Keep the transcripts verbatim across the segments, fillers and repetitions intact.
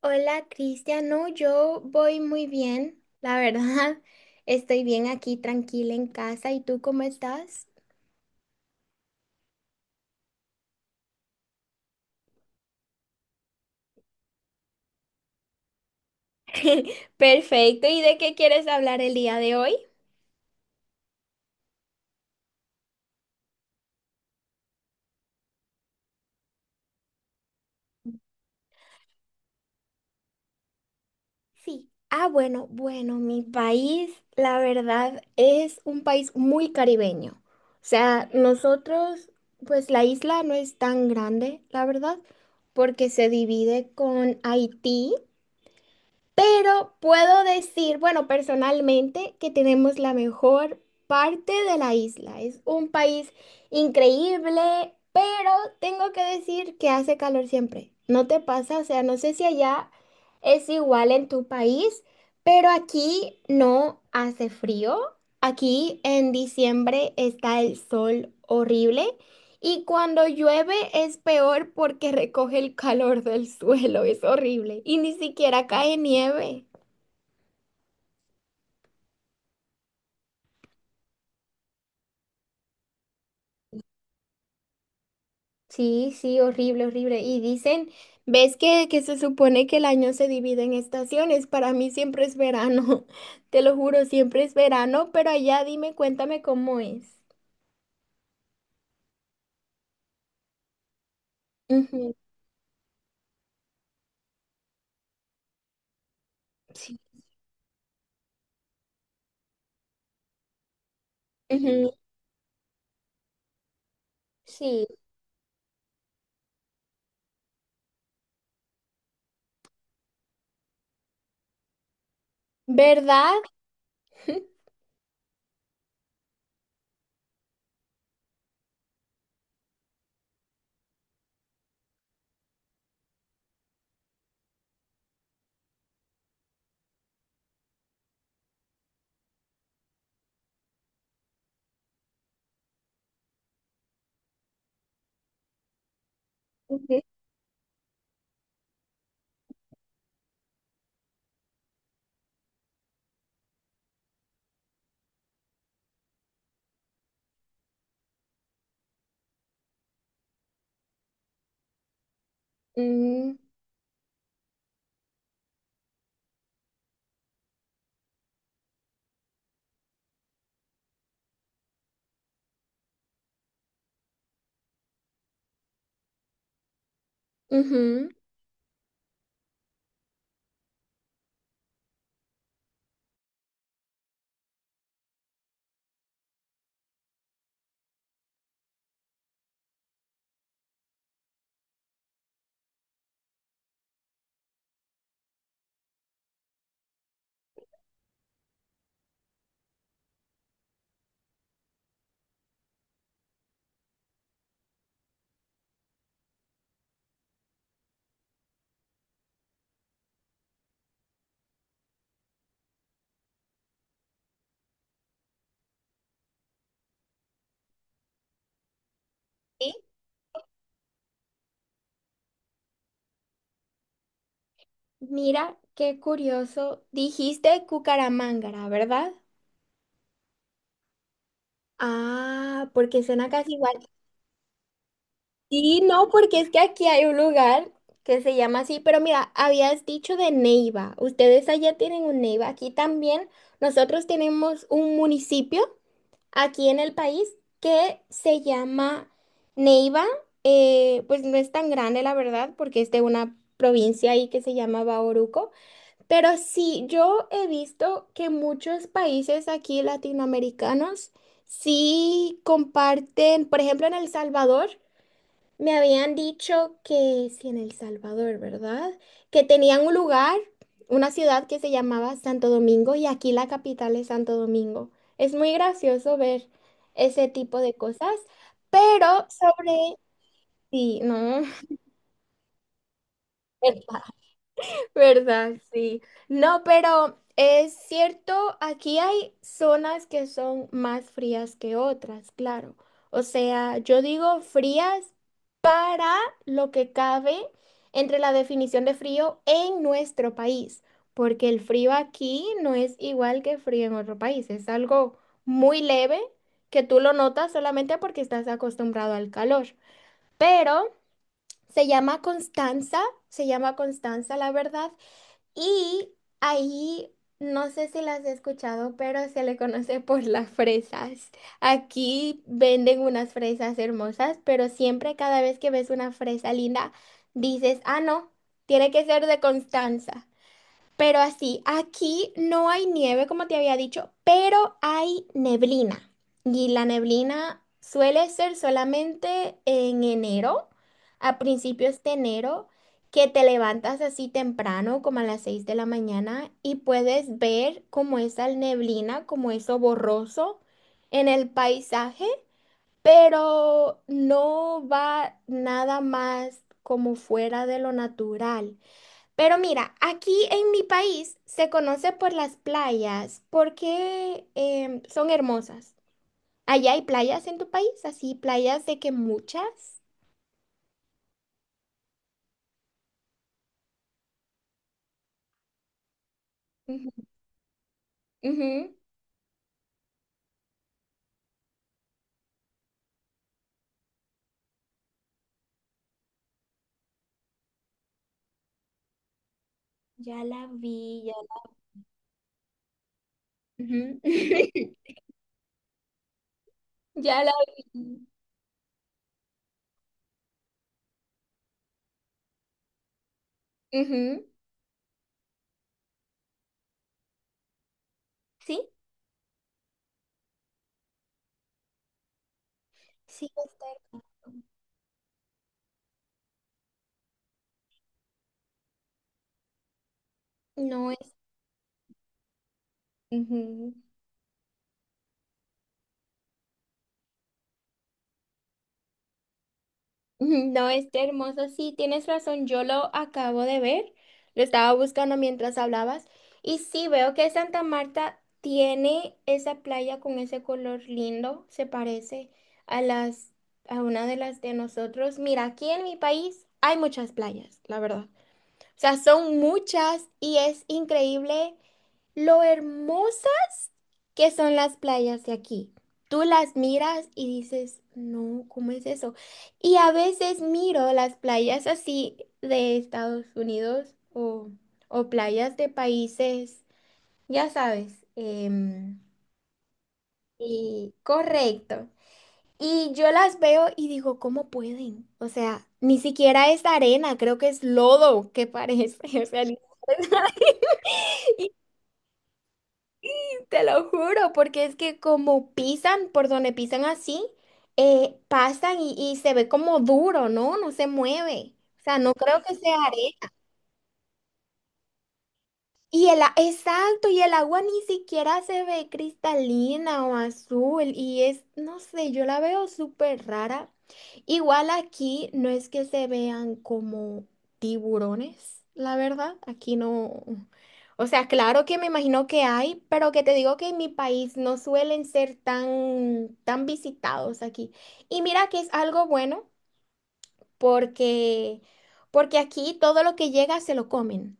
Hola, Cristian. No, yo voy muy bien, la verdad. Estoy bien aquí, tranquila en casa. ¿Y tú cómo estás? Perfecto. ¿Y de qué quieres hablar el día de hoy? Sí. Ah, bueno, bueno, Mi país, la verdad, es un país muy caribeño. O sea, nosotros, pues la isla no es tan grande, la verdad, porque se divide con Haití. Pero puedo decir, bueno, personalmente, que tenemos la mejor parte de la isla. Es un país increíble, pero tengo que decir que hace calor siempre. ¿No te pasa? O sea, no sé si allá es igual en tu país, pero aquí no hace frío. Aquí en diciembre está el sol horrible. Y cuando llueve es peor porque recoge el calor del suelo, es horrible. Y ni siquiera cae nieve. Sí, sí, horrible, horrible. Y dicen, ¿ves que, que se supone que el año se divide en estaciones? Para mí siempre es verano, te lo juro, siempre es verano, pero allá dime, cuéntame cómo es. Ujú. Sí, ujú, sí. ¿Verdad? Ujú. Mm, ujú. Sí. Mira, qué curioso. Dijiste Cucaramángara, ¿verdad? Ah, porque suena casi igual. Sí, no, porque es que aquí hay un lugar que se llama así, pero mira, habías dicho de Neiva. Ustedes allá tienen un Neiva. Aquí también nosotros tenemos un municipio aquí en el país que se llama Neiva. Eh, pues no es tan grande, la verdad, porque es de una provincia ahí que se llama Bauruco. Pero sí, yo he visto que muchos países aquí latinoamericanos sí comparten, por ejemplo, en El Salvador, me habían dicho que, sí, en El Salvador, ¿verdad? Que tenían un lugar, una ciudad que se llamaba Santo Domingo y aquí la capital es Santo Domingo. Es muy gracioso ver ese tipo de cosas, pero sobre, sí, no. ¿Verdad? Sí. No, pero es cierto, aquí hay zonas que son más frías que otras, claro. O sea, yo digo frías para lo que cabe entre la definición de frío en nuestro país, porque el frío aquí no es igual que frío en otro país, es algo muy leve que tú lo notas solamente porque estás acostumbrado al calor. Pero se llama Constanza, se llama Constanza, la verdad, y ahí, no sé si las he escuchado, pero se le conoce por las fresas. Aquí venden unas fresas hermosas, pero siempre cada vez que ves una fresa linda, dices, ah, no, tiene que ser de Constanza. Pero así, aquí no hay nieve, como te había dicho, pero hay neblina. Y la neblina suele ser solamente en enero, a principios de enero, que te levantas así temprano, como a las seis de la mañana, y puedes ver como esa neblina, como eso borroso en el paisaje, pero no va nada más como fuera de lo natural. Pero mira, aquí en mi país se conoce por las playas porque em, son hermosas. ¿Allá hay playas en tu país? Así, playas de que muchas. Ujú, ujú. Ya la vi, ya, ujú. Ya la vi. Ujú. ¿Sí? Sí, está- hermoso. No es. Ujú. No, está hermoso. Sí, tienes razón. Yo lo acabo de ver. Lo estaba buscando mientras hablabas. Y sí, veo que Santa Marta tiene esa playa con ese color lindo. Se parece a las, a una de las de nosotros. Mira, aquí en mi país hay muchas playas, la verdad. O sea, son muchas y es increíble lo hermosas que son las playas de aquí. Tú las miras y dices, no, ¿cómo es eso? Y a veces miro las playas así de Estados Unidos o, o playas de países, ya sabes, em, y correcto. Y yo las veo y digo, ¿cómo pueden? O sea, ni siquiera es arena, creo que es lodo que parece. O sea, ni- Te lo juro, porque es que como pisan, por donde pisan así, eh, pasan y, y se ve como duro, ¿no? No se mueve. O sea, no creo que sea arena. Y el, a- exacto, y el agua ni siquiera se ve cristalina o azul y es, no sé, yo la veo súper rara. Igual aquí no es que se vean como tiburones, la verdad, aquí no. O sea, claro que me imagino que hay, pero que te digo que en mi país no suelen ser tan, tan visitados aquí. Y mira que es algo bueno porque, porque aquí todo lo que llega se lo comen.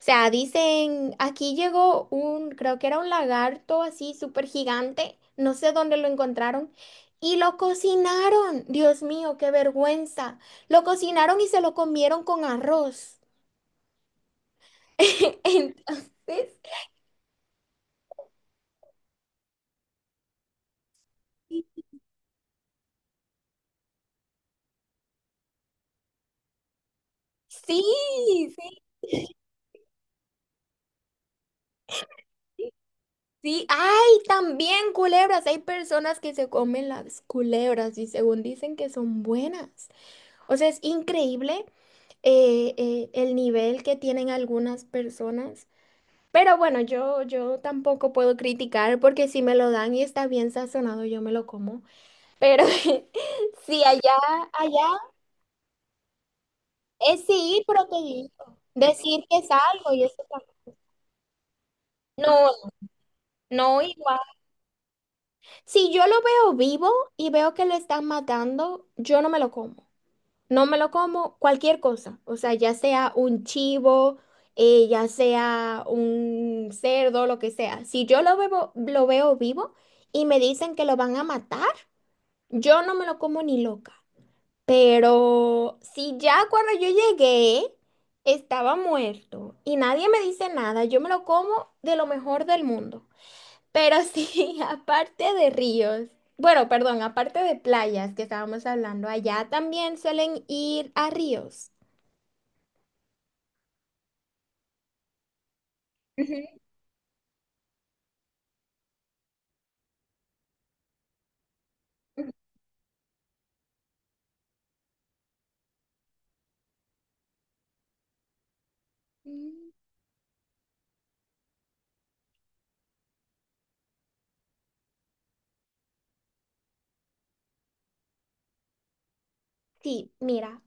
O sea, dicen, aquí llegó un, creo que era un lagarto así súper gigante, no sé dónde lo encontraron, y lo cocinaron. Dios mío, qué vergüenza. Lo cocinaron y se lo comieron con arroz. Entonces, sí, sí, sí. Ay, también culebras. Hay personas que se comen las culebras y según dicen que son buenas. O sea, es increíble eh, eh, el nivel que tienen algunas personas. Pero bueno, yo, yo tampoco puedo criticar porque si me lo dan y está bien sazonado, yo me lo como. Pero si allá, allá es sí ir, pero te digo, decir que es algo y eso tam- no, no igual. Si yo lo veo vivo y veo que lo están matando, yo no me lo como. No me lo como cualquier cosa. O sea, ya sea un chivo, eh, ya sea un cerdo, lo que sea. Si yo lo veo, lo veo vivo y me dicen que lo van a matar. Yo no me lo como ni loca, pero si ya cuando yo llegué estaba muerto y nadie me dice nada, yo me lo como de lo mejor del mundo. Pero sí, aparte de ríos, bueno, perdón, aparte de playas que estábamos hablando, allá también suelen ir a ríos. Ujú, ujú. Mm, sí, mira,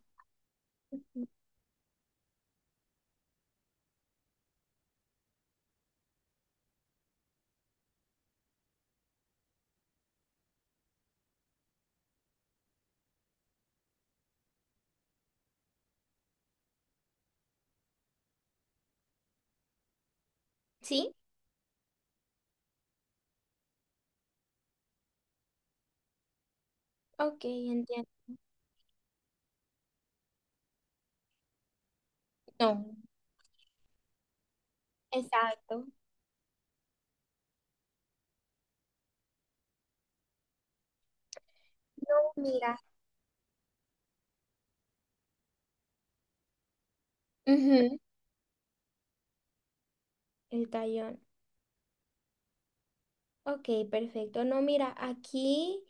sí, ok, entiendo. No, exacto. No, mira. Ujú. El tallón. Ok, perfecto. No, mira, aquí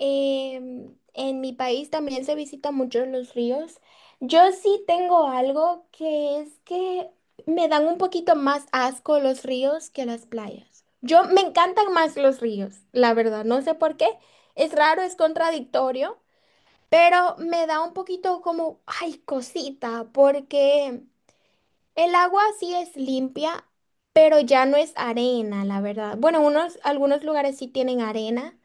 em, en mi país también se visitan muchos los ríos. Yo sí tengo algo que es que me dan un poquito más asco los ríos que las playas. Yo me encantan más los ríos, la verdad. No sé por qué. Es raro, es contradictorio, pero me da un poquito como, ay, cosita, porque... el agua sí es limpia, pero ya no es arena, la verdad. Bueno, unos, algunos lugares sí tienen arena,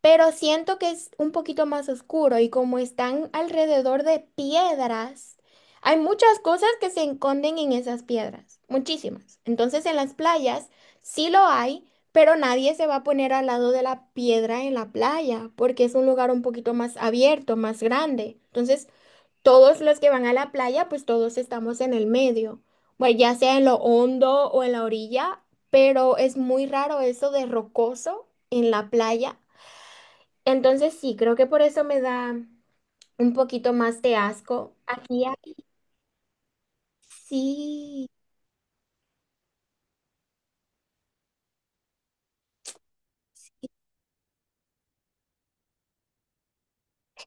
pero siento que es un poquito más oscuro y como están alrededor de piedras, hay muchas cosas que se esconden en esas piedras, muchísimas. Entonces en las playas sí lo hay, pero nadie se va a poner al lado de la piedra en la playa porque es un lugar un poquito más abierto, más grande. Entonces todos los que van a la playa, pues todos estamos en el medio, pues ya sea en lo hondo o en la orilla, pero es muy raro eso de rocoso en la playa. Entonces sí, creo que por eso me da un poquito más de asco. Aquí hay, sí.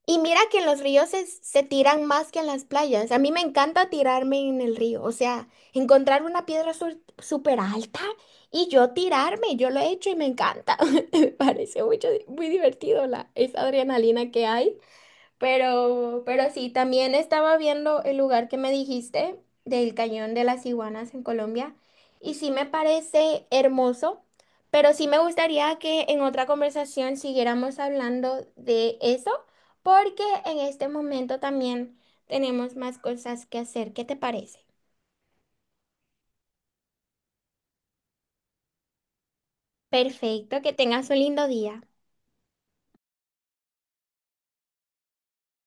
Y mira que en los ríos se, se tiran más que en las playas. A mí me encanta tirarme en el río, o sea, encontrar una piedra su- súper alta y yo tirarme, yo lo he hecho y me encanta. Me parece mucho, di- muy divertido la, esa adrenalina que hay. Pero, pero sí, también estaba viendo el lugar que me dijiste del Cañón de las Iguanas en Colombia y sí me parece hermoso, pero sí me gustaría que en otra conversación siguiéramos hablando de eso porque en este momento también tenemos más cosas que hacer. ¿Qué te parece? Perfecto, que tengas un lindo día.